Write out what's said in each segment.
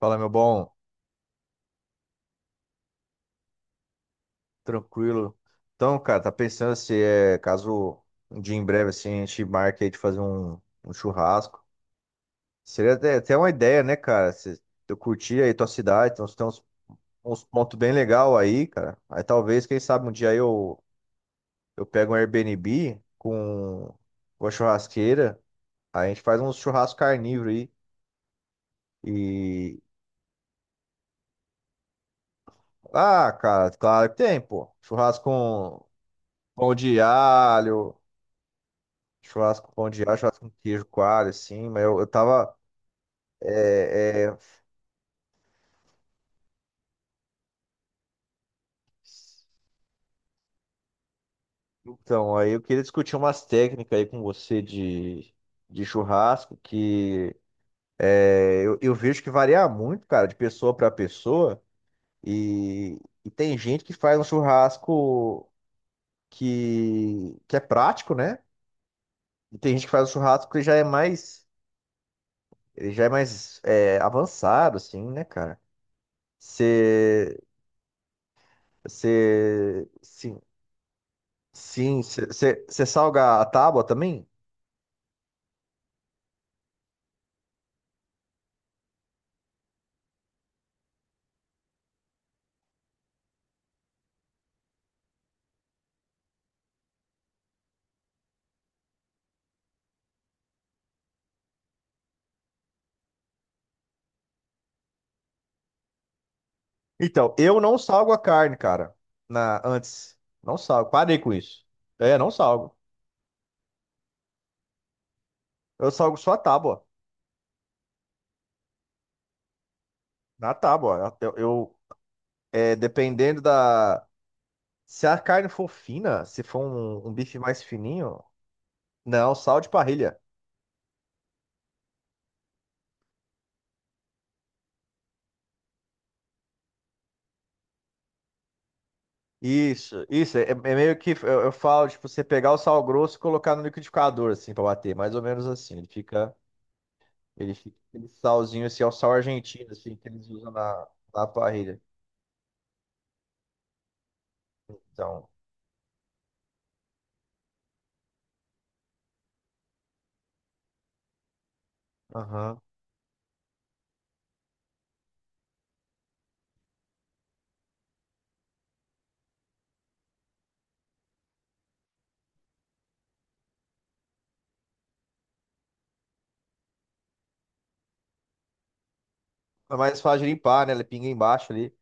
Fala, meu bom, tranquilo. Então, cara, tá pensando se é caso um dia em breve assim a gente marque aí de fazer um churrasco. Seria até uma ideia, né, cara? Se eu curtir aí tua cidade, então você tem uns pontos bem legal aí, cara. Aí talvez, quem sabe, um dia aí eu pego um Airbnb com uma churrasqueira, aí a gente faz um churrasco carnívoro aí. E. Ah, cara, claro que tem, pô. Churrasco com pão de alho. Churrasco com pão de alho, churrasco com queijo coalho, assim, mas eu tava. é, é, então, aí eu queria discutir umas técnicas aí com você de churrasco, que é, eu vejo que varia muito, cara, de pessoa pra pessoa, e, e tem gente que faz um churrasco que é prático, né? E tem gente que faz um churrasco que já é mais, ele já é mais avançado, assim, né, cara? Você, você, sim. Sim, você salga a tábua também? Então, eu não salgo a carne, cara. Na, antes. Não salgo. Parei com isso. É, não salgo. Eu salgo só a tábua. Na tábua. É, dependendo da. Se a carne for fina, se for um bife mais fininho, não, sal de parrilha. Isso, isso. É, é meio que eu falo, tipo, você pegar o sal grosso e colocar no liquidificador, assim, pra bater. Mais ou menos assim. Ele fica. Ele fica aquele salzinho, assim, é o sal argentino, assim, que eles usam na parrilha. Então, aham. É mais fácil de limpar, né? Ele pinga embaixo ali. O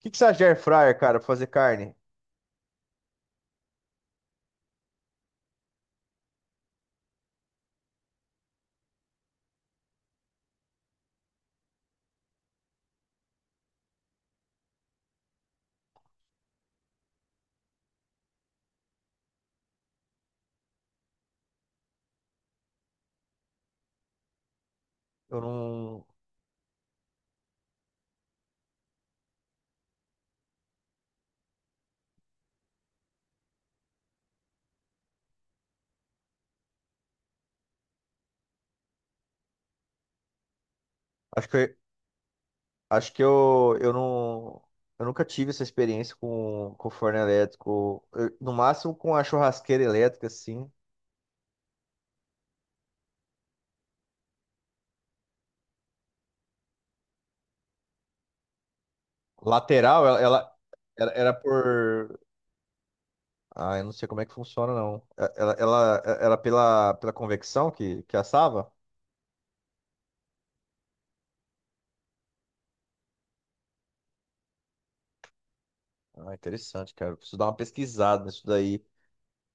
que você acha de air fryer, cara, pra fazer carne? Eu não... Acho que, eu- Acho que eu não... Eu nunca tive essa experiência com forno elétrico. Eu- no máximo com a churrasqueira elétrica, assim. Lateral, ela era por... Ah, eu não sei como é que funciona, não. Ela era pela convecção que assava? Ah, interessante, cara. Eu preciso dar uma pesquisada nisso daí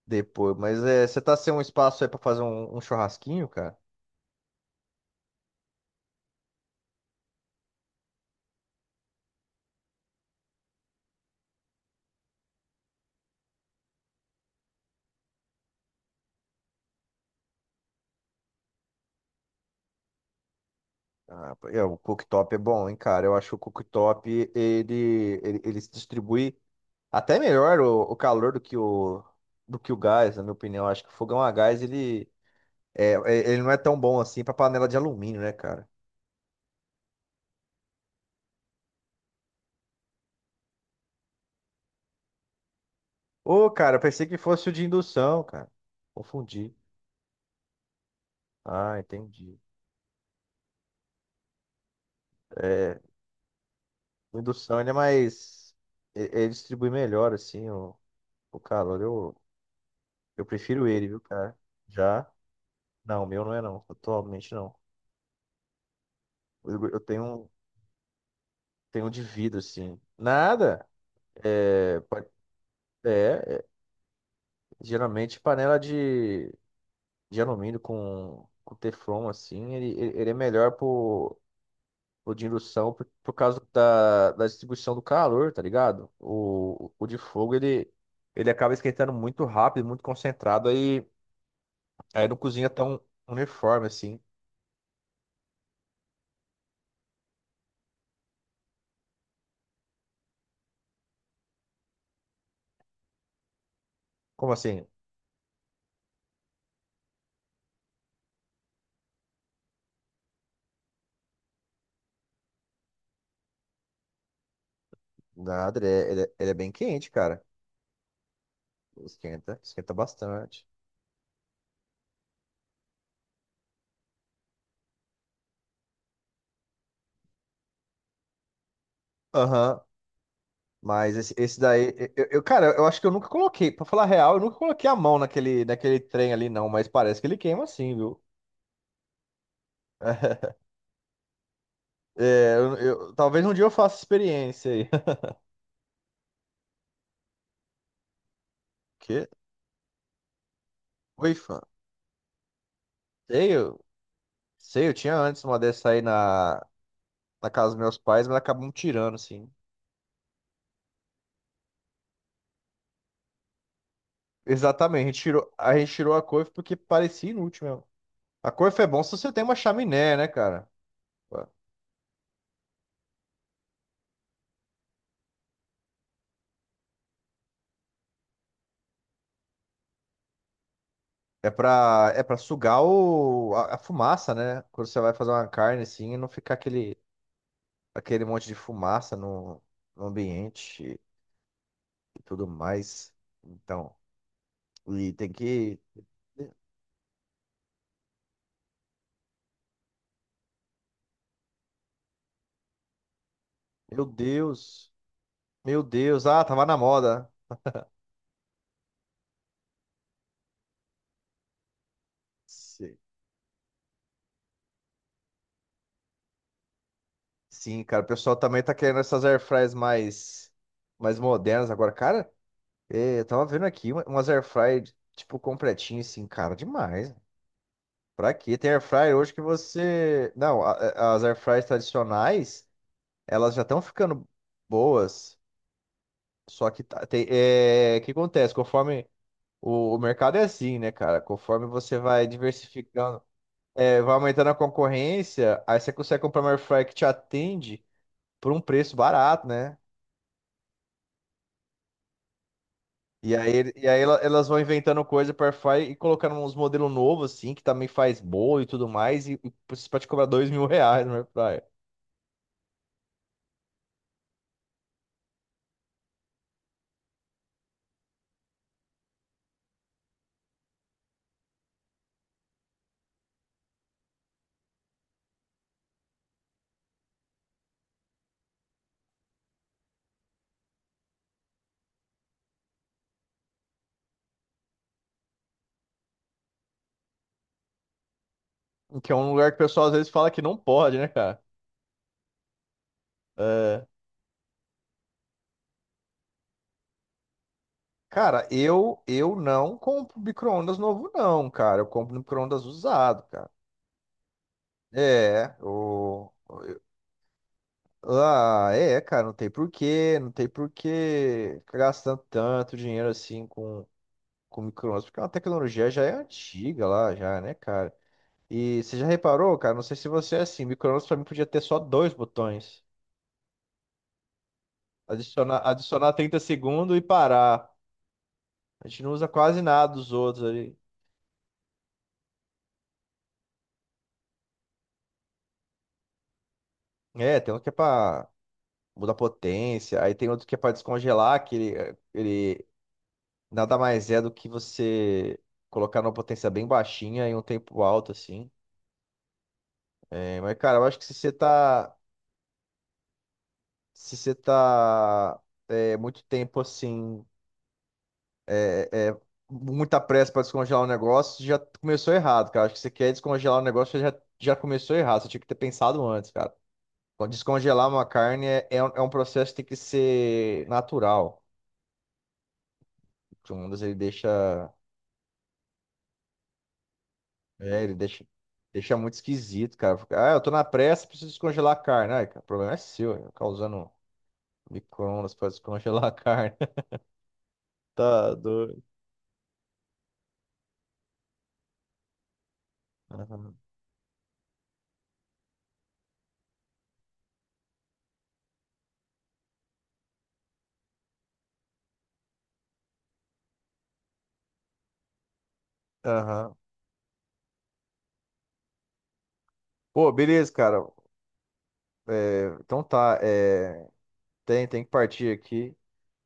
depois. Mas é, você tá sem um espaço aí pra fazer um churrasquinho, cara? Ah, é, o cooktop é bom, hein, cara? Eu acho que o cooktop, ele se distribui até melhor o calor do que do que o gás, na minha opinião. Eu acho que o fogão a gás, ele, ele não é tão bom assim pra panela de alumínio, né, cara? Ô, cara, eu pensei que fosse o de indução, cara. Confundi. Ah, entendi. É, o indução ele é mais. Ele distribui melhor, assim, o calor. Eu prefiro ele, viu, cara? Já. Não, o meu não é, não. Atualmente não. Eu, eu tenho, um- Tenho um de vidro, assim. Nada! É, é, é, geralmente panela de alumínio com teflon, assim, ele, ele é melhor por de indução por causa da distribuição do calor, tá ligado? O de fogo, ele acaba esquentando muito rápido, muito concentrado, aí. Aí não cozinha tão uniforme assim. Como assim? Nada, ele é, ele é bem quente, cara. Esquenta, esquenta bastante. Aham. Mas esse daí, cara, eu acho que eu nunca coloquei, pra falar a real, eu nunca coloquei a mão naquele, naquele trem ali, não, mas parece que ele queima assim, viu? É, talvez um dia eu faça experiência aí. Que? Oi, fã. Sei, eu, sei, eu tinha antes uma dessa aí na casa dos meus pais, mas acabamos tirando, assim. Exatamente, a gente tirou, a gente tirou a couve porque parecia inútil mesmo. A coifa é bom se você tem uma chaminé, né, cara? É pra sugar a fumaça, né? Quando você vai fazer uma carne assim, e não ficar aquele, aquele monte de fumaça no ambiente e tudo mais. Então, e tem que. Meu Deus! Meu Deus! Ah, tava na moda. Sim, sim, cara. O pessoal também tá querendo essas airfryers mais modernas agora. Cara, eu tava vendo aqui umas airfryer, tipo, completinho assim, cara, demais. Pra quê? Tem air fryer hoje que você. Não, as air fryers tradicionais, elas já estão ficando boas. Só que tá, tem, é, o que acontece? Conforme o mercado é assim, né, cara? Conforme você vai diversificando, é, vai aumentando a concorrência, aí você consegue comprar uma air fryer que te atende por um preço barato, né? E aí elas vão inventando coisa para air fryer e colocando uns modelos novos, assim, que também faz bolo e tudo mais, e pra te cobrar R$ 2.000 no air fryer. Que é um lugar que o pessoal às vezes fala que não pode, né, cara? É. Cara, eu não compro micro-ondas novo, não, cara. Eu compro micro-ondas usado, cara. É, o... Ah, é, cara, não tem porquê, não tem porquê ficar gastando tanto dinheiro assim com micro-ondas, porque a tecnologia já é antiga lá, já, né, cara? E você já reparou, cara? Não sei se você é assim, micro-ondas pra mim podia ter só dois botões. Adicionar, adicionar 30 segundos e parar. A gente não usa quase nada dos outros ali. É, tem um que é pra mudar a potência, aí tem outro que é pra descongelar, que ele, ele nada mais é do que você colocar numa potência bem baixinha em um tempo alto, assim. É, mas, cara, eu acho que se você tá é, muito tempo, assim, é, é, muita pressa pra descongelar o negócio, já começou errado, cara. Acho que você quer descongelar o negócio, já começou errado, você tinha que ter pensado antes, cara. Descongelar uma carne é, é um processo que tem que ser natural. Comandos ele deixa. É, deixa muito esquisito, cara. Fica, ah, eu tô na pressa, preciso descongelar a carne. Ai, cara, o problema é seu, eu ficar usando micro-ondas pra descongelar a carne. Tá doido. Aham. Aham. Pô, beleza, cara. É, então tá. Tem, tem que partir aqui.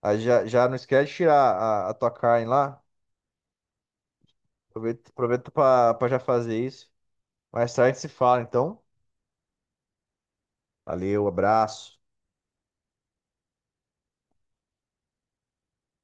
Ah, já, já não esquece de tirar a tua carne lá. Aproveita, aproveita pra, pra já fazer isso. Mais tarde se fala, então. Valeu, abraço.